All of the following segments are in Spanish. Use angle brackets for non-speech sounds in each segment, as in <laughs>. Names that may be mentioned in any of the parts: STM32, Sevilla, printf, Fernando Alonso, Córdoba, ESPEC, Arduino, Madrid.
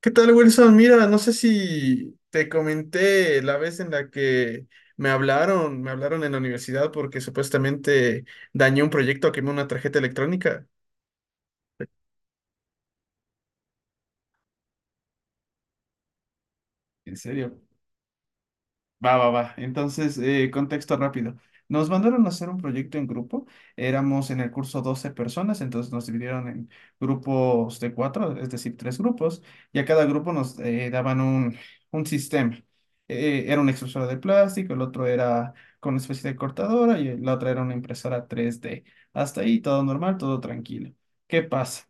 ¿Qué tal, Wilson? Mira, no sé si te comenté la vez en la que me hablaron en la universidad porque supuestamente dañé un proyecto, quemé una tarjeta electrónica. ¿En serio? Va. Entonces, contexto rápido. Nos mandaron a hacer un proyecto en grupo. Éramos en el curso 12 personas, entonces nos dividieron en grupos de cuatro, es decir, tres grupos, y a cada grupo nos daban un sistema. Era una extrusora de plástico, el otro era con una especie de cortadora y la otra era una impresora tres d. Hasta ahí todo normal, todo tranquilo. ¿Qué pasa?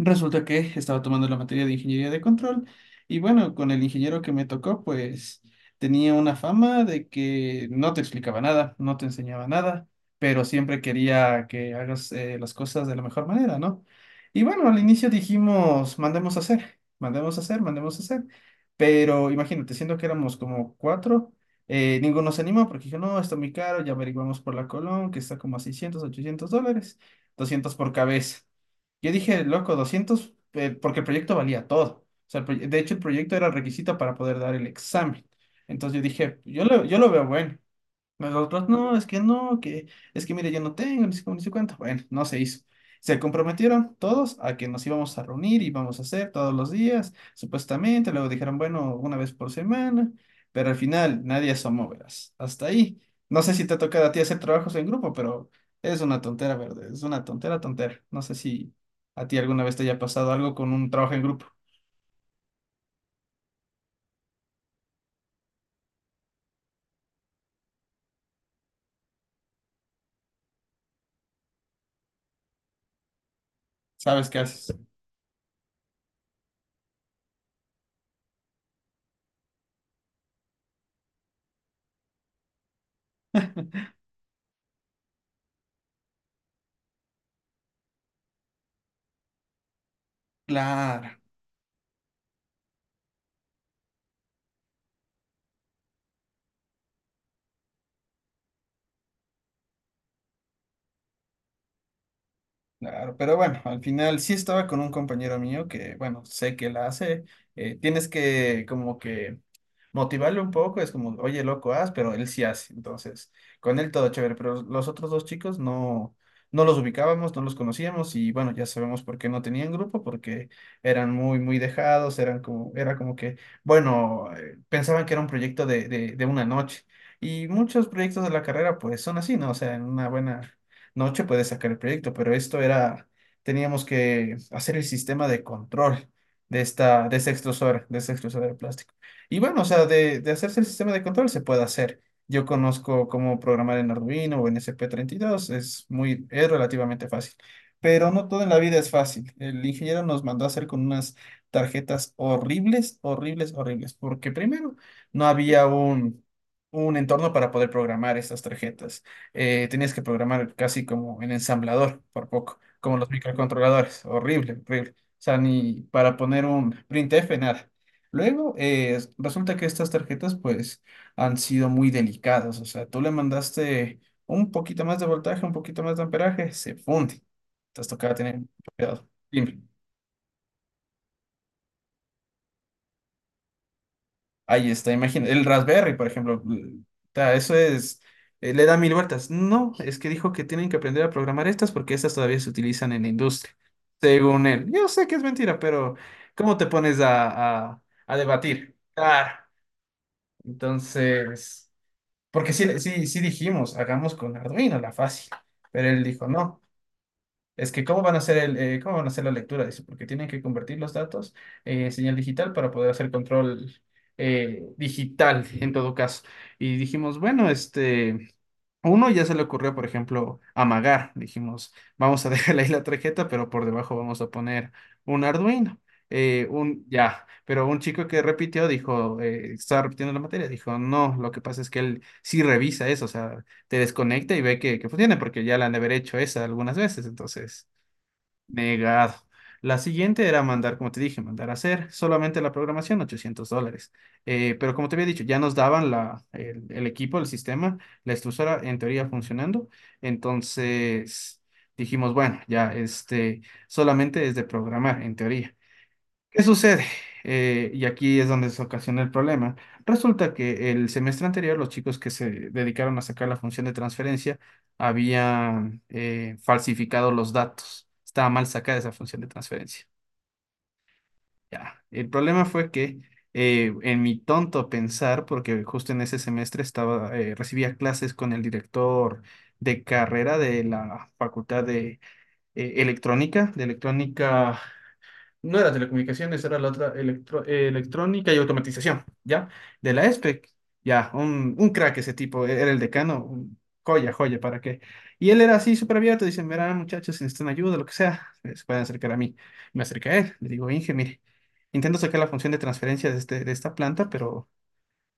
Resulta que estaba tomando la materia de ingeniería de control y bueno, con el ingeniero que me tocó, pues tenía una fama de que no te explicaba nada, no te enseñaba nada, pero siempre quería que hagas las cosas de la mejor manera, ¿no? Y bueno, al inicio dijimos, mandemos a hacer, mandemos a hacer, mandemos a hacer, pero imagínate, siendo que éramos como cuatro, ninguno se animó porque dijo, no, está muy caro, ya averiguamos por la Colón, que está como a 600, $800, 200 por cabeza. Yo dije, loco, 200 porque el proyecto valía todo. O sea, de hecho, el proyecto era requisito para poder dar el examen. Entonces yo dije, yo lo veo bueno. Nosotros, no, es que no, que es que mire, yo no tengo, ni sé cómo, ni sé cuánto. Bueno, no se hizo. Se comprometieron todos a que nos íbamos a reunir y íbamos a hacer todos los días, supuestamente. Luego dijeron, bueno, una vez por semana, pero al final nadie asomó, verás. Hasta ahí. No sé si te ha tocado a ti hacer trabajos en grupo, pero es una tontera, verde. Es una tontera. No sé si a ti alguna vez te haya pasado algo con un trabajo en grupo. ¿Sabes qué haces? Claro. Claro, pero bueno, al final sí estaba con un compañero mío que, bueno, sé que la hace. Tienes que como que motivarle un poco, es como, oye, loco, haz, pero él sí hace. Entonces, con él todo chévere, pero los otros dos chicos no, no los ubicábamos, no los conocíamos y bueno, ya sabemos por qué no tenían grupo, porque eran muy, muy dejados, eran como, era como que, bueno, pensaban que era un proyecto de una noche. Y muchos proyectos de la carrera pues son así, ¿no? O sea, en una buena noche puedes sacar el proyecto, pero esto era, teníamos que hacer el sistema de control de esta extrusora, de esta extrusora de plástico. Y bueno, o sea, de hacerse el sistema de control se puede hacer. Yo conozco cómo programar en Arduino o en S P 32 es muy, es relativamente fácil. Pero no todo en la vida es fácil. El ingeniero nos mandó a hacer con unas tarjetas horribles, horribles, horribles, porque primero no había un entorno para poder programar estas tarjetas. Tenías que programar casi como en ensamblador, por poco, como los microcontroladores. Horrible, horrible. O sea, ni para poner un printf, nada. Luego, resulta que estas tarjetas, pues, han sido muy delicadas. O sea, tú le mandaste un poquito más de voltaje, un poquito más de amperaje, se funde. Entonces tocaba tener cuidado. Dime. Ahí está, imagina, el Raspberry, por ejemplo, ta, eso es, le da mil vueltas. No, es que dijo que tienen que aprender a programar estas porque estas todavía se utilizan en la industria, según él. Yo sé que es mentira, pero ¿cómo te pones a, a debatir? Claro, entonces, porque sí dijimos, hagamos con Arduino la fácil, pero él dijo, no, es que cómo van a hacer el, cómo van a hacer la lectura, dice, porque tienen que convertir los datos en señal digital para poder hacer control digital en todo caso. Y dijimos, bueno, este, a uno ya se le ocurrió, por ejemplo, amagar. Dijimos, vamos a <laughs> dejarle ahí la tarjeta, pero por debajo vamos a poner un Arduino. Un ya, pero un chico que repitió dijo, estaba repitiendo la materia, dijo, no, lo que pasa es que él sí revisa eso, o sea, te desconecta y ve que funciona, porque ya la han de haber hecho esa algunas veces, entonces. Negado. La siguiente era mandar, como te dije, mandar a hacer solamente la programación, $800. Pero como te había dicho, ya nos daban el equipo, el sistema, la extrusora en teoría funcionando. Entonces dijimos, bueno, ya este, solamente es de programar en teoría. ¿Qué sucede? Y aquí es donde se ocasiona el problema. Resulta que el semestre anterior los chicos que se dedicaron a sacar la función de transferencia habían falsificado los datos. Estaba mal sacada esa función de transferencia. Ya. El problema fue que en mi tonto pensar, porque justo en ese semestre estaba, recibía clases con el director de carrera de la Facultad de Electrónica, de Electrónica, no era telecomunicaciones, era la otra electrónica y automatización, ¿ya? De la ESPEC, ya, un crack ese tipo, era el decano, joya, joya, ¿para qué? Y él era así súper abierto, dicen, verán muchachos, si necesitan ayuda, lo que sea, se pueden acercar a mí. Me acerqué a él, le digo, Inge, mire, intento sacar la función de transferencia de, este, de esta planta,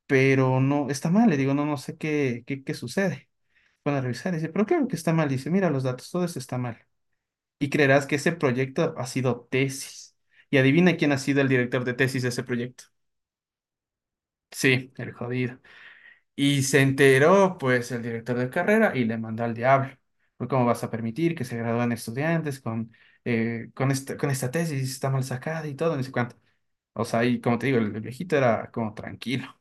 pero no, está mal, le digo, no, no sé qué, qué sucede. Van a revisar, dice, pero claro que está mal, dice, mira los datos, todo esto está mal. Y creerás que ese proyecto ha sido tesis. Y adivina quién ha sido el director de tesis de ese proyecto. Sí, el jodido. Y se enteró, pues, el director de carrera y le mandó al diablo. Pues, ¿cómo vas a permitir que se gradúen estudiantes con, con esta tesis? Está mal sacada y todo, no sé cuánto. O sea, y como te digo, el viejito era como tranquilo.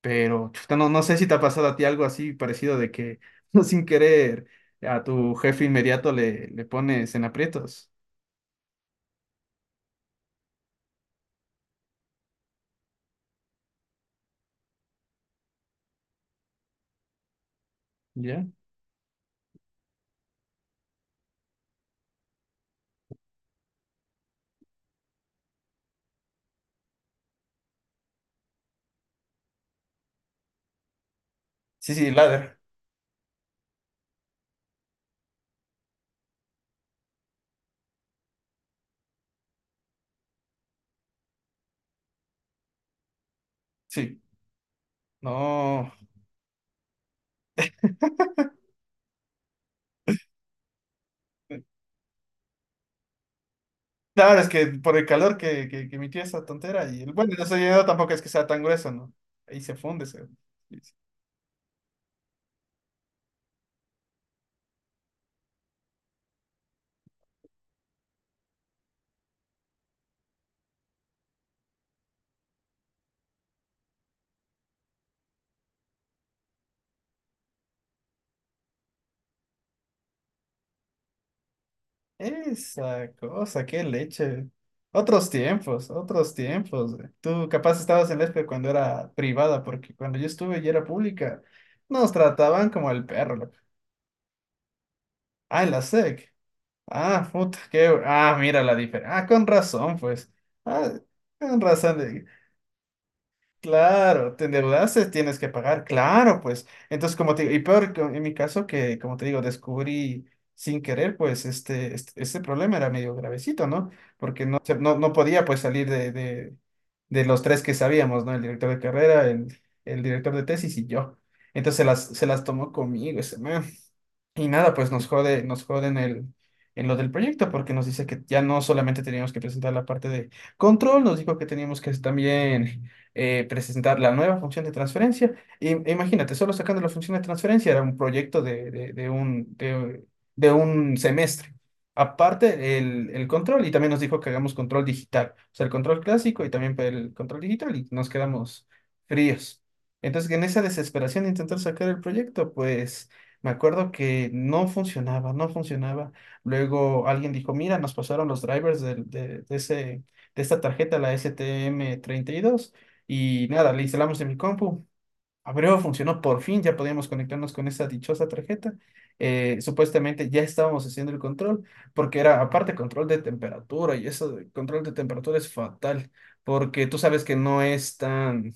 Pero, chuta, no, no sé si te ha pasado a ti algo así parecido de que, <laughs> sin querer, a tu jefe inmediato le pones en aprietos. ¿Ya? Sí, sí, ladder. Sí, no. Claro, es que por el calor que, que emitía esa tontera y el bueno, el desayuno tampoco es que sea tan grueso, ¿no? Ahí se funde. Se... Esa cosa, qué leche. Otros tiempos, otros tiempos, güey. Tú capaz estabas en la ESPE cuando era privada, porque cuando yo estuve y era pública, nos trataban como el perro, loco. Ah, en la SEC. Ah, puta, qué... Ah, mira la diferencia. Ah, con razón, pues. Ah, con razón. Claro, te endeudaste, tienes que pagar, claro, pues. Entonces, como te digo, y peor en mi caso que, como te digo, descubrí sin querer, pues, este problema era medio gravecito, ¿no? Porque no, no, no podía, pues, salir de los tres que sabíamos, ¿no? El director de carrera, el director de tesis y yo. Entonces, se las tomó conmigo ese man. Y nada, pues nos jode en el, en lo del proyecto, porque nos dice que ya no solamente teníamos que presentar la parte de control, nos dijo que teníamos que también presentar la nueva función de transferencia. Y, e imagínate, solo sacando la función de transferencia era un proyecto de un semestre. Aparte, el control, y también nos dijo que hagamos control digital, o sea, el control clásico y también el control digital, y nos quedamos fríos. Entonces, en esa desesperación de intentar sacar el proyecto, pues... Me acuerdo que no funcionaba, no funcionaba. Luego alguien dijo, mira, nos pasaron los drivers de de ese, de esta tarjeta, la STM32, y dos, y nada, le instalamos en mi compu. Abrió, funcionó por fin, ya podíamos conectarnos con esa dichosa tarjeta. Supuestamente ya estábamos haciendo el control, porque era aparte control de temperatura, y eso de control de temperatura es fatal, porque tú sabes que no es tan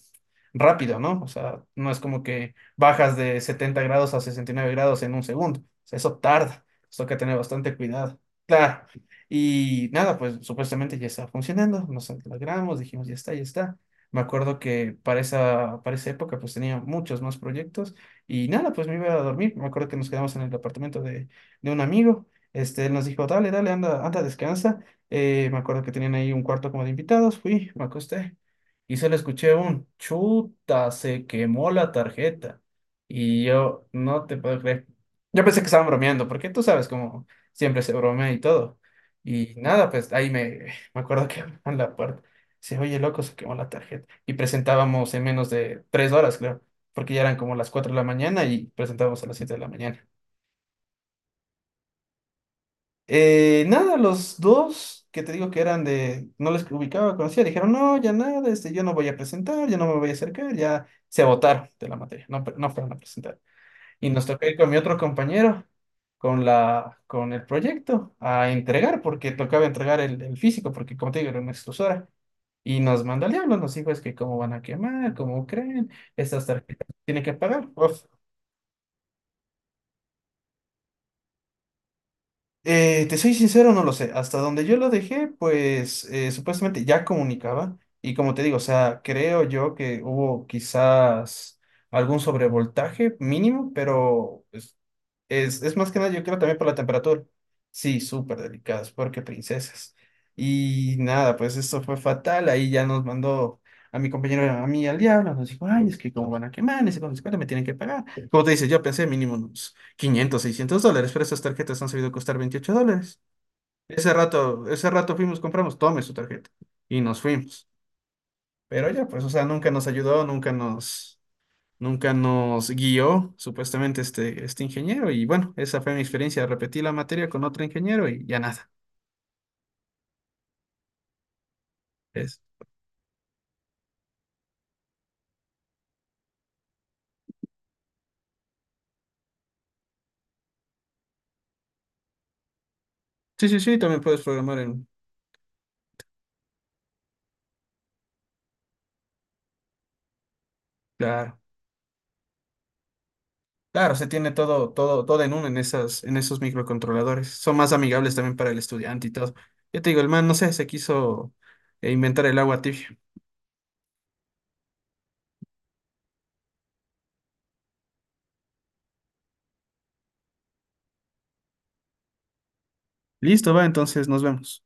rápido, ¿no? O sea, no es como que bajas de 70 grados a 69 grados en un segundo. O sea, eso tarda. Eso hay que tener bastante cuidado. Claro. Y nada, pues supuestamente ya está funcionando. Nos alegramos, dijimos, ya está, ya está. Me acuerdo que para esa época pues tenía muchos más proyectos y nada, pues me iba a dormir. Me acuerdo que nos quedamos en el apartamento de un amigo. Este, él nos dijo, dale, dale, anda, anda, descansa. Me acuerdo que tenían ahí un cuarto como de invitados. Fui, me acosté y solo escuché un chuta, se quemó la tarjeta. Y yo no te puedo creer. Yo pensé que estaban bromeando, porque tú sabes cómo siempre se bromea y todo. Y nada, pues ahí me, me acuerdo que <laughs> en la puerta. Dice, oye, loco, se quemó la tarjeta. Y presentábamos en menos de 3 horas, creo, porque ya eran como las 4 de la mañana y presentábamos a las 7 de la mañana. Nada, los dos que te digo que eran de, no les ubicaba, conocía, dijeron, no, ya nada, este, yo no voy a presentar, ya no me voy a acercar, ya se votaron de la materia, no, no fueron a presentar. Y nos tocó ir con mi otro compañero, con la, con el proyecto, a entregar, porque tocaba entregar el físico, porque como te digo, era una extrusora. Y nos mandó al diablo, nos dijo, es que cómo van a quemar, cómo creen, estas tarjetas tienen que pagar. Uf. Te soy sincero, no lo sé. Hasta donde yo lo dejé, pues supuestamente ya comunicaba. Y como te digo, o sea, creo yo que hubo quizás algún sobrevoltaje mínimo, pero pues, es más que nada, yo creo también por la temperatura. Sí, súper delicadas, porque princesas. Y nada, pues esto fue fatal. Ahí ya nos mandó a mi compañero, a mí al diablo. Nos dijo, ay, es que como van a quemar, ese con me tienen que pagar. Como te dice, yo pensé mínimo unos $500 $600, pero esas tarjetas han sabido costar $28. Ese rato fuimos, compramos, tome su tarjeta y nos fuimos. Pero ya, pues, o sea, nunca nos ayudó, nunca nos, nunca nos guió, supuestamente, este ingeniero. Y bueno, esa fue mi experiencia. Repetí la materia con otro ingeniero y ya nada. Es, sí, sí, sí, también puedes programar en... Claro, claro, se tiene todo, todo, todo en uno en esas, en esos microcontroladores. Son más amigables también para el estudiante y todo. Ya te digo, el man, no sé, se quiso inventar el agua tibia. Listo, va, entonces nos vemos.